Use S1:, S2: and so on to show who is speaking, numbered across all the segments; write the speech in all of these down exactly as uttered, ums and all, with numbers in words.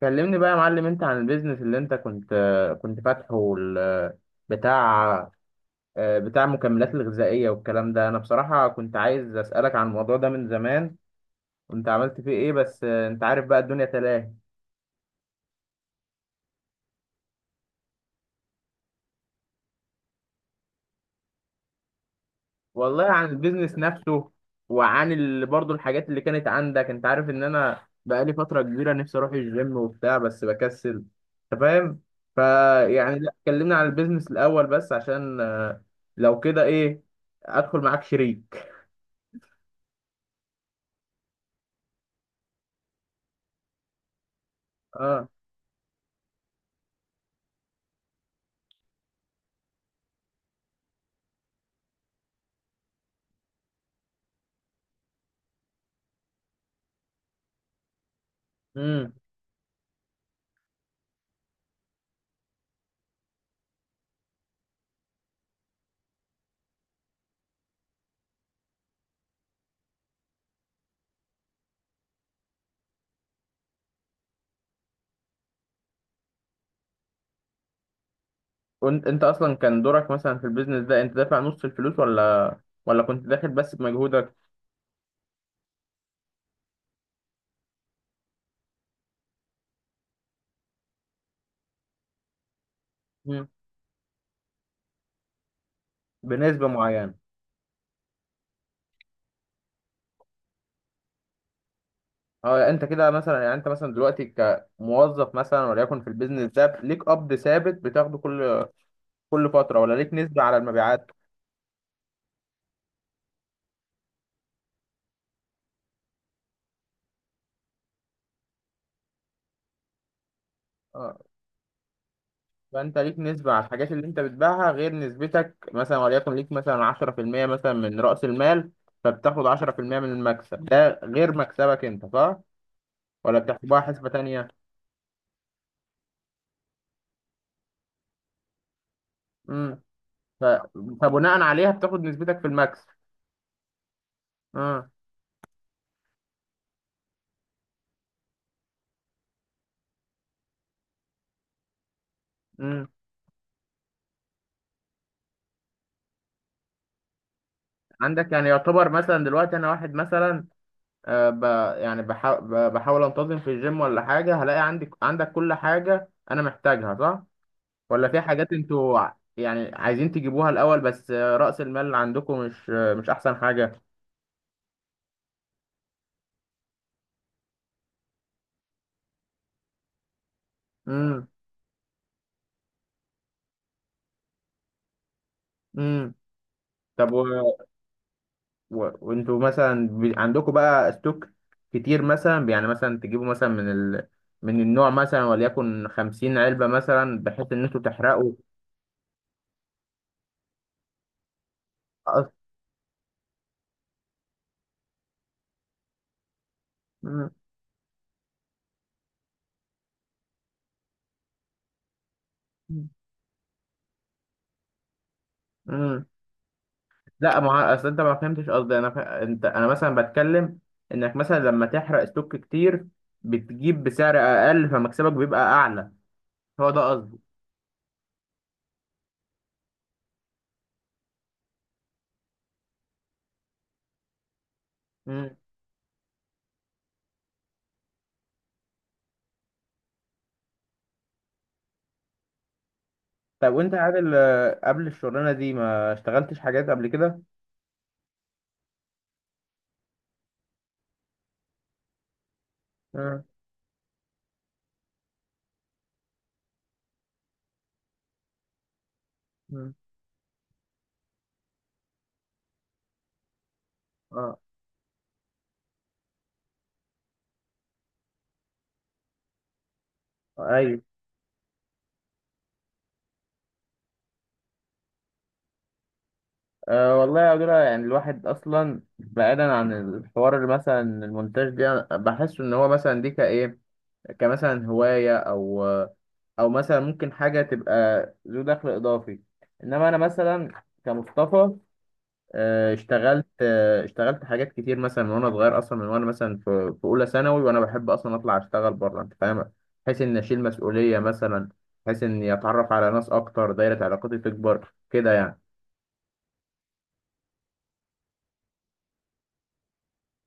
S1: كلمني بقى يا معلم، انت عن البيزنس اللي انت كنت كنت فاتحه وال- بتاع آه، بتاع المكملات الغذائية والكلام ده. انا بصراحة كنت عايز اسألك عن الموضوع ده من زمان، وانت عملت فيه ايه؟ بس انت عارف بقى، الدنيا تلاهي. والله عن البيزنس نفسه، وعن ال... برضو الحاجات اللي كانت عندك. انت عارف ان انا بقالي فترة كبيرة نفسي اروح الجيم وبتاع بس بكسل، انت فاهم؟ فيعني لا، كلمنا عن البيزنس الاول بس عشان آه، لو كده ايه، ادخل معاك شريك. اه. امم وانت انت اصلا كان دورك مثلا في البيزنس ده، انت دافع نص الفلوس ولا ولا كنت داخل بس بمجهودك؟ مم. بنسبة معينة. اه، انت كده مثلا يعني، انت مثلا دلوقتي كموظف مثلا وليكن في البيزنس ده، ليك قبض ثابت بتاخده كل كل فترة ولا ليك نسبة على المبيعات؟ اه، فانت ليك نسبة على الحاجات اللي انت بتبيعها، غير نسبتك مثلا وليكن ليك مثلا عشرة في المية مثلا من رأس المال، فبتاخد عشرة في المية من المكسب ده غير مكسبك انت، صح؟ ولا بتحسبها حسبة تانية؟ ف... فبناء عليها بتاخد نسبتك في المكسب. اه. امم عندك يعني يعتبر مثلا دلوقتي انا واحد مثلا، آه ب... يعني بحا... ب- بحاول انتظم في الجيم ولا حاجه، هلاقي عندك عندك كل حاجه انا محتاجها صح؟ ولا في حاجات انتوا ع- يعني عايزين تجيبوها الاول بس آه، رأس المال اللي عندكم مش آه، مش احسن حاجه؟ امم امم طب، و- وانتوا مثلا بي- عندكم بقى ستوك كتير، مثلا يعني مثلا تجيبوا مثلا من ال... من النوع مثلا وليكن خمسين علبة، مثلا بحيث ان انتوا تحرقوا. أص... مم. مم. لا، ما هو- اصل انت ما فهمتش قصدي. انا ف... انت، انا مثلا بتكلم انك مثلا لما تحرق ستوك كتير، بتجيب بسعر اقل فمكسبك بيبقى اعلى، هو ده قصدي. مم. طب وانت يا عادل، آه، قبل الشغلانة دي ما اشتغلتش حاجات قبل كده؟ مم. مم. اه. ايوه. أه والله يا عبدالله، يعني الواحد أصلا بعيدا عن الحوار اللي مثلا المونتاج ده، أنا بحس إن هو مثلا دي كإيه، كمثلا هواية أو أو مثلا ممكن حاجة تبقى ذو دخل إضافي. إنما أنا مثلا كمصطفى، أه، اشتغلت أه، اشتغلت حاجات كتير مثلا من وأنا صغير، أصلا من وأنا مثلا في في أولى ثانوي وأنا بحب أصلا أطلع أشتغل بره، أنت فاهم؟ بحيث إني أشيل مسؤولية مثلا، بحيث إني أتعرف على ناس أكتر، دايرة علاقاتي تكبر كده يعني.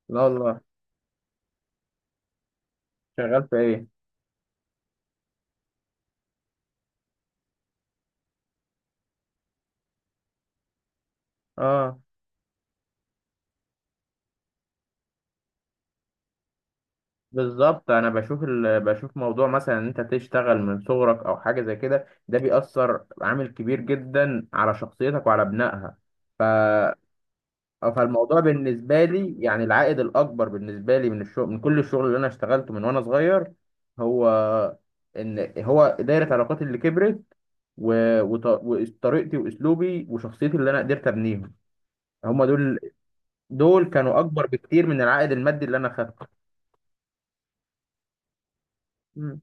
S1: لا والله. شغال في إيه؟ اه. بالظبط، انا بشوف ال... بشوف موضوع مثلا ان انت تشتغل من صغرك او حاجه زي كده، ده بيأثر عامل كبير جدا على شخصيتك وعلى بنائها. ف... فالموضوع بالنسبه لي يعني، العائد الاكبر بالنسبه لي من الشغل، من كل الشغل اللي انا اشتغلته من وانا صغير، هو ان هو دايره علاقاتي اللي كبرت، و... وط... وطريقتي واسلوبي وشخصيتي اللي انا قدرت ابنيهم، هم دول. دول كانوا اكبر بكتير من العائد المادي اللي انا خدته.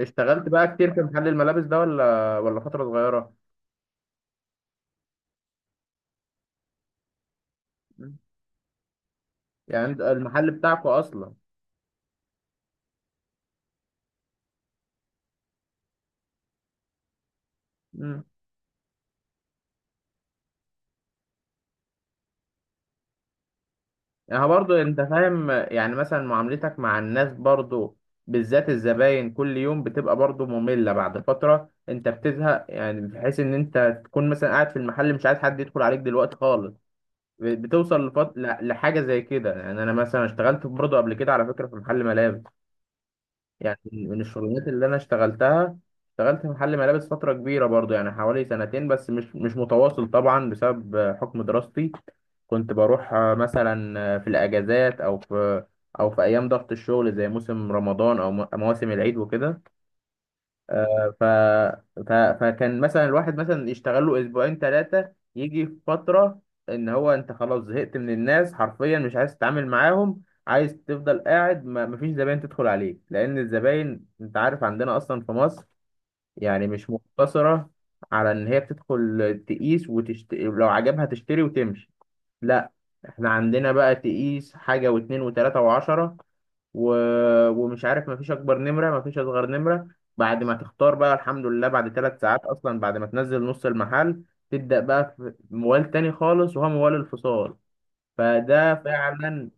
S1: اشتغلت بقى كتير في محل الملابس ده ولا ولا فترة صغيرة؟ مم. يعني انت المحل بتاعكو اصلا؟ مم. يعني برضو انت فاهم يعني مثلا، معاملتك مع الناس برضو، بالذات الزباين كل يوم، بتبقى برضو مملة بعد فترة. انت بتزهق يعني، بحيث ان انت تكون مثلا قاعد في المحل مش عايز حد يدخل عليك دلوقتي خالص. بتوصل لفت... ل- لحاجة زي كده يعني. انا مثلا اشتغلت برضو قبل كده على فكرة في محل ملابس، يعني من الشغلانات اللي انا اشتغلتها. اشتغلت في محل ملابس فتره كبيره برضو، يعني حوالي سنتين بس مش مش متواصل طبعا، بسبب آه، حكم دراستي. كنت بروح آه، مثلا آه، في الاجازات، او في او في ايام ضغط الشغل زي موسم رمضان او م- مواسم العيد وكده. آه، ف... ف... فكان مثلا الواحد مثلا يشتغل له اسبوعين ثلاثه، يجي في فتره ان هو، انت خلاص زهقت من الناس حرفيا، مش عايز تتعامل معاهم، عايز تفضل قاعد ما مفيش زباين تدخل عليك. لان الزباين انت عارف عندنا اصلا في مصر، يعني مش مقتصره على ان هي بتدخل تقيس وتشت... لو عجبها تشتري وتمشي. لا، احنا عندنا بقى تقيس حاجة واتنين وتلاتة وعشرة، و... ومش عارف، مفيش اكبر نمره مفيش اصغر نمره. بعد ما تختار بقى، الحمد لله، بعد ثلاث ساعات اصلا، بعد ما تنزل نص المحل، تبدا بقى في موال تاني خالص وهو موال الفصال. فده فعلا،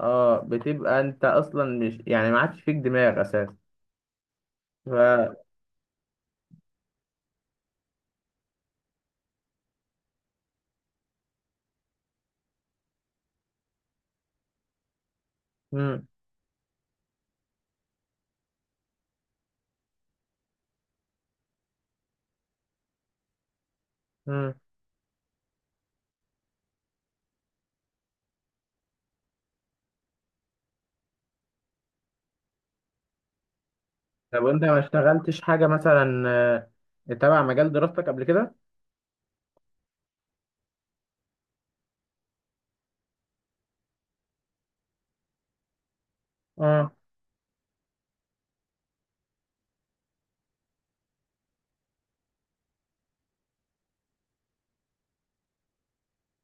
S1: اه، بتبقى انت اصلا مش يعني، ما عادش فيك دماغ اساسا. ف مم. مم. طب وانت ما اشتغلتش حاجه مثلا آه، تبع مجال دراستك قبل كده؟ اه.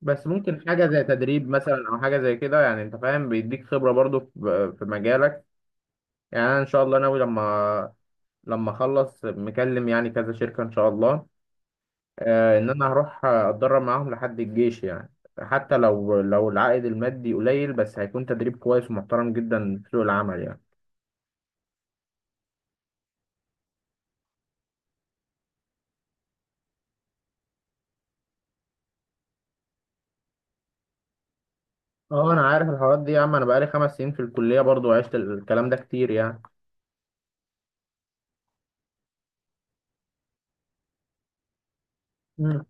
S1: بس ممكن حاجه زي تدريب مثلا او حاجه زي كده يعني، انت فاهم، بيديك خبره برضو في في مجالك. يعني انا ان شاء الله ناوي لما لما اخلص، مكلم يعني كذا شركه ان شاء الله، آه ان انا هروح اتدرب معاهم لحد الجيش يعني. حتى لو لو العائد المادي قليل، بس هيكون تدريب كويس ومحترم جدا في سوق العمل يعني. اه، انا عارف الحوارات دي يا عم، انا بقالي خمس سنين في الكليه برضو، عشت الكلام ده كتير يعني. مم.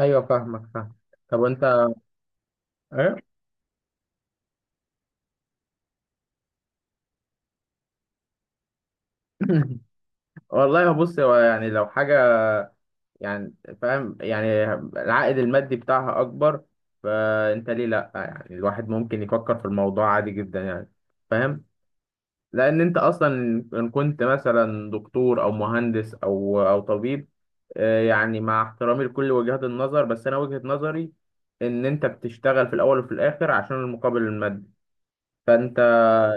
S1: ايوه فاهمك، فاهم. طب وانت ايه؟ والله بص، هو يعني لو حاجه، يعني فاهم يعني، العائد المادي بتاعها اكبر، فانت ليه لا يعني، الواحد ممكن يفكر في الموضوع عادي جدا يعني، فاهم؟ لان انت اصلا ان كنت مثلا دكتور او مهندس او او طبيب، آه، يعني مع احترامي لكل وجهات النظر، بس انا وجهة نظري ان انت بتشتغل في الاول وفي الاخر عشان المقابل المادي. فانت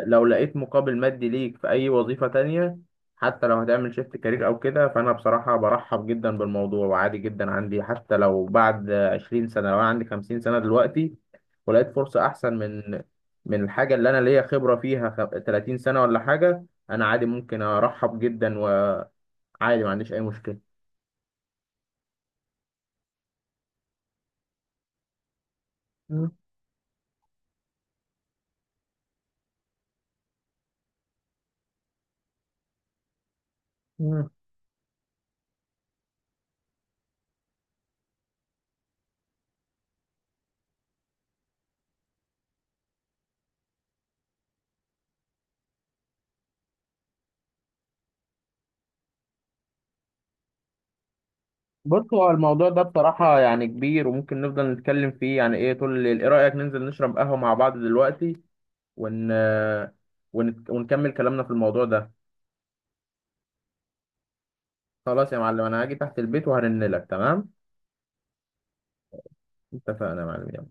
S1: لو لقيت مقابل مادي ليك في أي وظيفة تانية، حتى لو هتعمل شيفت كارير أو كده، فأنا بصراحة برحب جدا بالموضوع، وعادي جدا عندي حتى لو بعد عشرين سنة وأنا عندي خمسين سنة دلوقتي، ولقيت فرصة أحسن من من الحاجة اللي أنا ليا خبرة فيها خ- تلاتين سنة ولا حاجة، أنا عادي، ممكن أرحب جدا وعادي، ما عنديش أي مشكلة. مم. مم. بص، هو الموضوع ده بصراحة يعني كبير وممكن نفضل نتكلم فيه يعني إيه طول الليل. إيه رأيك ننزل نشرب قهوة مع بعض دلوقتي ون... ون... ونكمل كلامنا في الموضوع ده؟ خلاص يا معلم، انا هاجي تحت البيت وهرن لك، تمام؟ اتفقنا يا معلم.